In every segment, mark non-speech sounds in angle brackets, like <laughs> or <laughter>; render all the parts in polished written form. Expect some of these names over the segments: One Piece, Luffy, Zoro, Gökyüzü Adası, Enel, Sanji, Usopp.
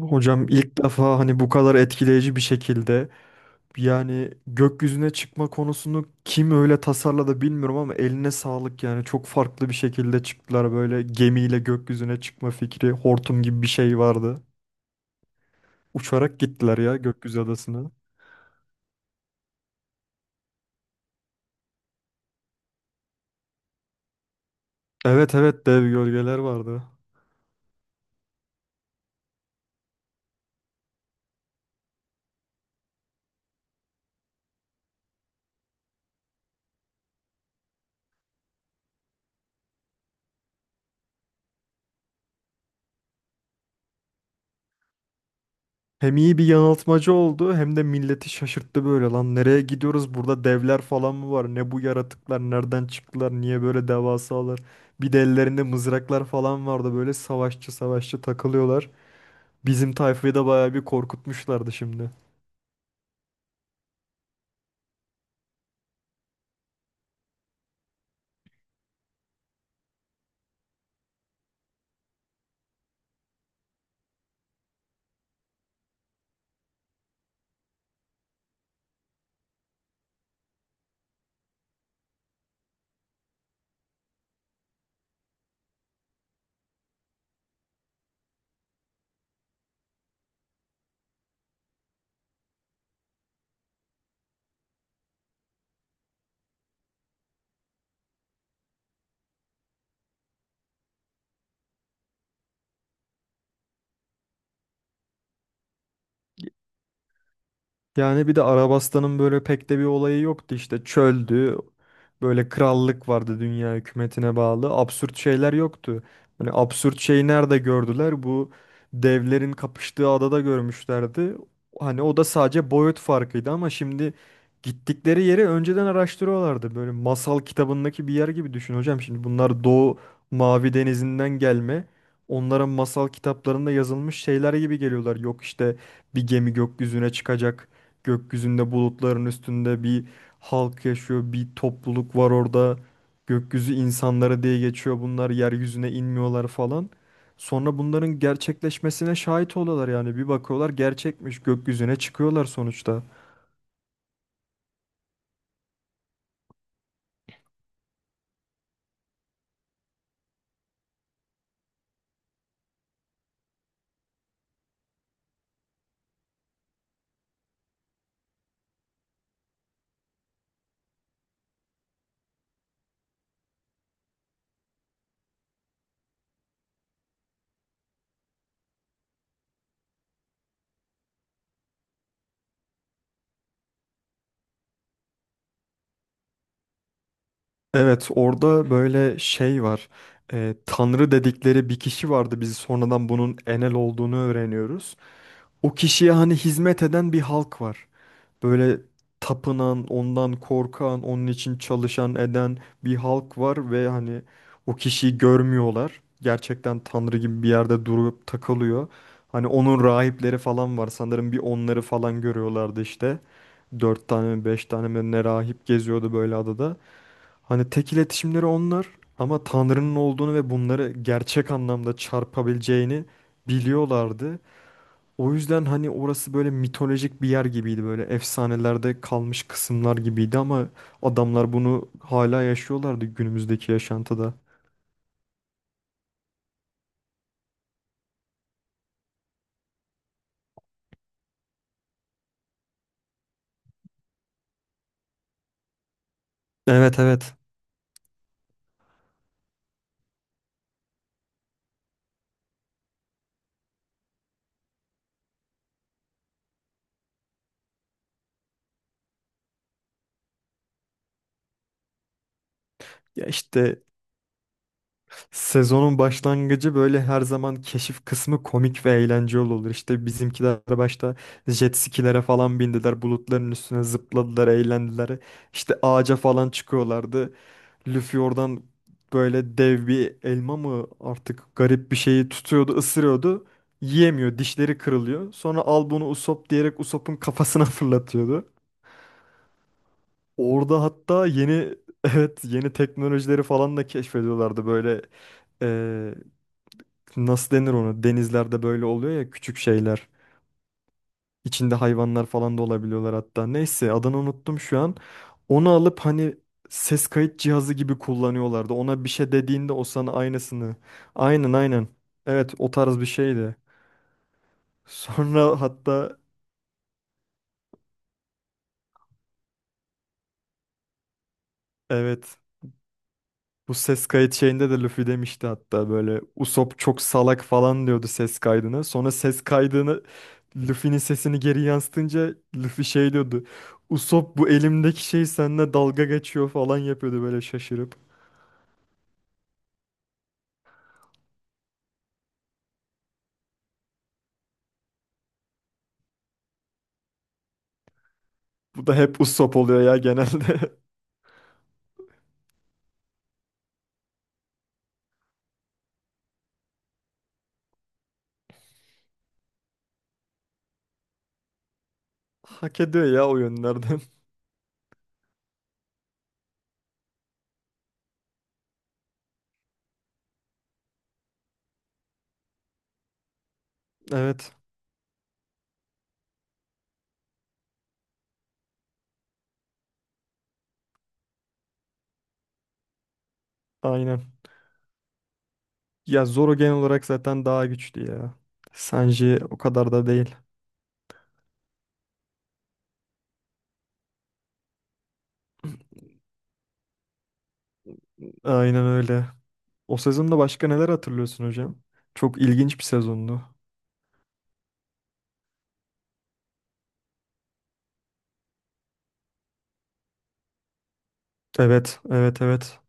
Hocam ilk defa hani bu kadar etkileyici bir şekilde yani gökyüzüne çıkma konusunu kim öyle tasarladı bilmiyorum ama eline sağlık yani çok farklı bir şekilde çıktılar böyle gemiyle gökyüzüne çıkma fikri hortum gibi bir şey vardı. Uçarak gittiler ya gökyüzü adasına. Evet evet, dev gölgeler vardı. Hem iyi bir yanıltmacı oldu hem de milleti şaşırttı böyle lan nereye gidiyoruz burada devler falan mı var ne bu yaratıklar nereden çıktılar niye böyle devasalar bir de ellerinde mızraklar falan vardı böyle savaşçı savaşçı takılıyorlar bizim tayfayı da bayağı bir korkutmuşlardı şimdi. Yani bir de Arabistan'ın böyle pek de bir olayı yoktu işte çöldü. Böyle krallık vardı dünya hükümetine bağlı. Absürt şeyler yoktu. Hani absürt şeyi nerede gördüler? Bu devlerin kapıştığı adada görmüşlerdi. Hani o da sadece boyut farkıydı ama şimdi gittikleri yeri önceden araştırıyorlardı. Böyle masal kitabındaki bir yer gibi düşün hocam. Şimdi bunlar Doğu Mavi Denizi'nden gelme. Onların masal kitaplarında yazılmış şeyler gibi geliyorlar. Yok işte bir gemi gökyüzüne çıkacak. Gökyüzünde bulutların üstünde bir halk yaşıyor, bir topluluk var orada. Gökyüzü insanları diye geçiyor bunlar, yeryüzüne inmiyorlar falan. Sonra bunların gerçekleşmesine şahit oluyorlar yani bir bakıyorlar gerçekmiş gökyüzüne çıkıyorlar sonuçta. Evet orada böyle şey var. Tanrı dedikleri bir kişi vardı biz sonradan bunun Enel olduğunu öğreniyoruz. O kişiye hani hizmet eden bir halk var. Böyle tapınan, ondan korkan, onun için çalışan eden bir halk var ve hani o kişiyi görmüyorlar. Gerçekten tanrı gibi bir yerde durup takılıyor. Hani onun rahipleri falan var. Sanırım bir onları falan görüyorlardı işte. Dört tane mi beş tane mi ne rahip geziyordu böyle adada. Hani tek iletişimleri onlar ama Tanrı'nın olduğunu ve bunları gerçek anlamda çarpabileceğini biliyorlardı. O yüzden hani orası böyle mitolojik bir yer gibiydi böyle efsanelerde kalmış kısımlar gibiydi ama adamlar bunu hala yaşıyorlardı günümüzdeki yaşantıda. Evet evet. Ya işte sezonun başlangıcı böyle her zaman keşif kısmı komik ve eğlenceli olur. İşte bizimkiler başta jet skilere falan bindiler, bulutların üstüne zıpladılar, eğlendiler. İşte ağaca falan çıkıyorlardı. Luffy oradan böyle dev bir elma mı artık garip bir şeyi tutuyordu, ısırıyordu. Yiyemiyor, dişleri kırılıyor. Sonra al bunu Usopp diyerek Usopp'un kafasına <laughs> fırlatıyordu. Orada hatta yeni <laughs> evet yeni teknolojileri falan da keşfediyorlardı böyle eee, nasıl denir onu denizlerde böyle oluyor ya küçük şeyler. İçinde hayvanlar falan da olabiliyorlar hatta. Neyse adını unuttum şu an. Onu alıp hani ses kayıt cihazı gibi kullanıyorlardı. Ona bir şey dediğinde o sana aynısını. Aynen aynen. Evet o tarz bir şeydi. <laughs> Sonra hatta evet bu ses kayıt şeyinde de Luffy demişti hatta böyle Usopp çok salak falan diyordu ses kaydını. Sonra ses kaydını Luffy'nin sesini geri yansıtınca Luffy şey diyordu. Usopp bu elimdeki şey seninle dalga geçiyor falan yapıyordu böyle şaşırıp. Bu da hep Usopp oluyor ya genelde. <laughs> Hak ediyor ya o yönlerden. <laughs> Evet, aynen. Ya Zoro genel olarak zaten daha güçlü ya. Sanji o kadar da değil. Aynen öyle. O sezonda başka neler hatırlıyorsun hocam? Çok ilginç bir sezondu. Evet, evet, evet.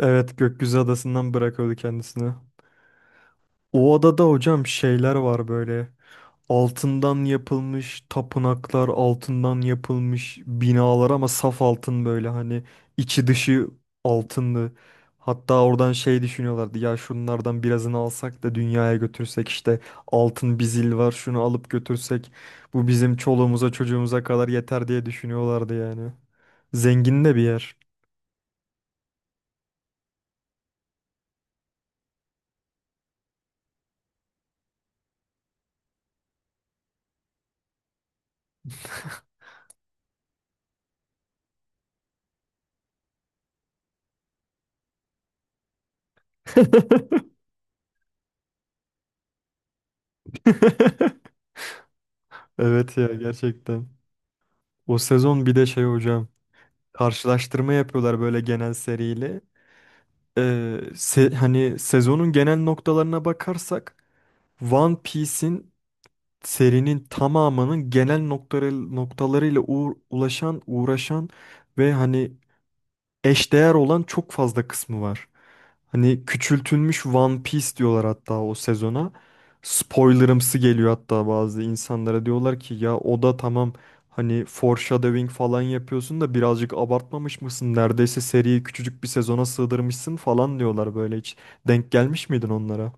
Evet, Gökyüzü Adası'ndan bırakıyordu kendisini. O adada hocam şeyler var böyle. Altından yapılmış tapınaklar, altından yapılmış binalar ama saf altın böyle hani içi dışı altınlı. Hatta oradan şey düşünüyorlardı ya şunlardan birazını alsak da dünyaya götürsek işte altın bir zil var şunu alıp götürsek bu bizim çoluğumuza çocuğumuza kadar yeter diye düşünüyorlardı yani. Zengin de bir yer. <laughs> Evet ya gerçekten. O sezon bir de şey hocam. Karşılaştırma yapıyorlar böyle genel seriyle. Hani sezonun genel noktalarına bakarsak One Piece'in serinin tamamının genel noktalarıyla uğraşan ve hani eşdeğer olan çok fazla kısmı var. Hani küçültülmüş One Piece diyorlar hatta o sezona. Spoilerımsı geliyor hatta bazı insanlara diyorlar ki ya o da tamam hani foreshadowing falan yapıyorsun da birazcık abartmamış mısın? Neredeyse seriyi küçücük bir sezona sığdırmışsın falan diyorlar böyle hiç. Denk gelmiş miydin onlara?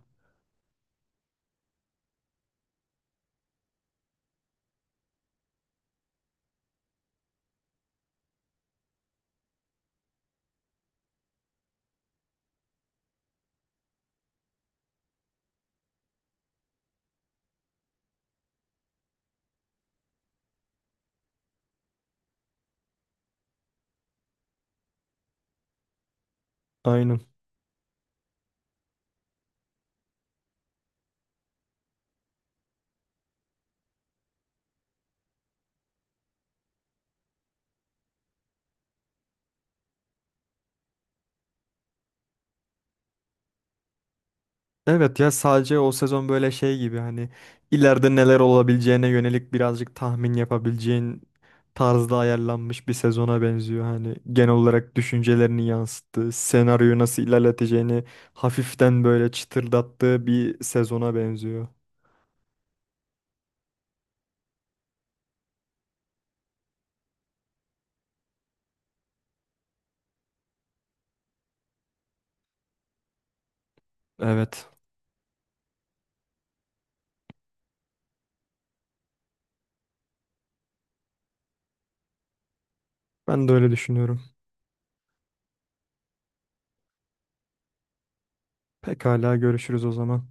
Aynen. Evet ya sadece o sezon böyle şey gibi hani ileride neler olabileceğine yönelik birazcık tahmin yapabileceğin tarzda ayarlanmış bir sezona benziyor. Hani genel olarak düşüncelerini yansıttığı, senaryoyu nasıl ilerleteceğini hafiften böyle çıtırdattığı bir sezona benziyor. Evet, ben de öyle düşünüyorum. Pekala görüşürüz o zaman.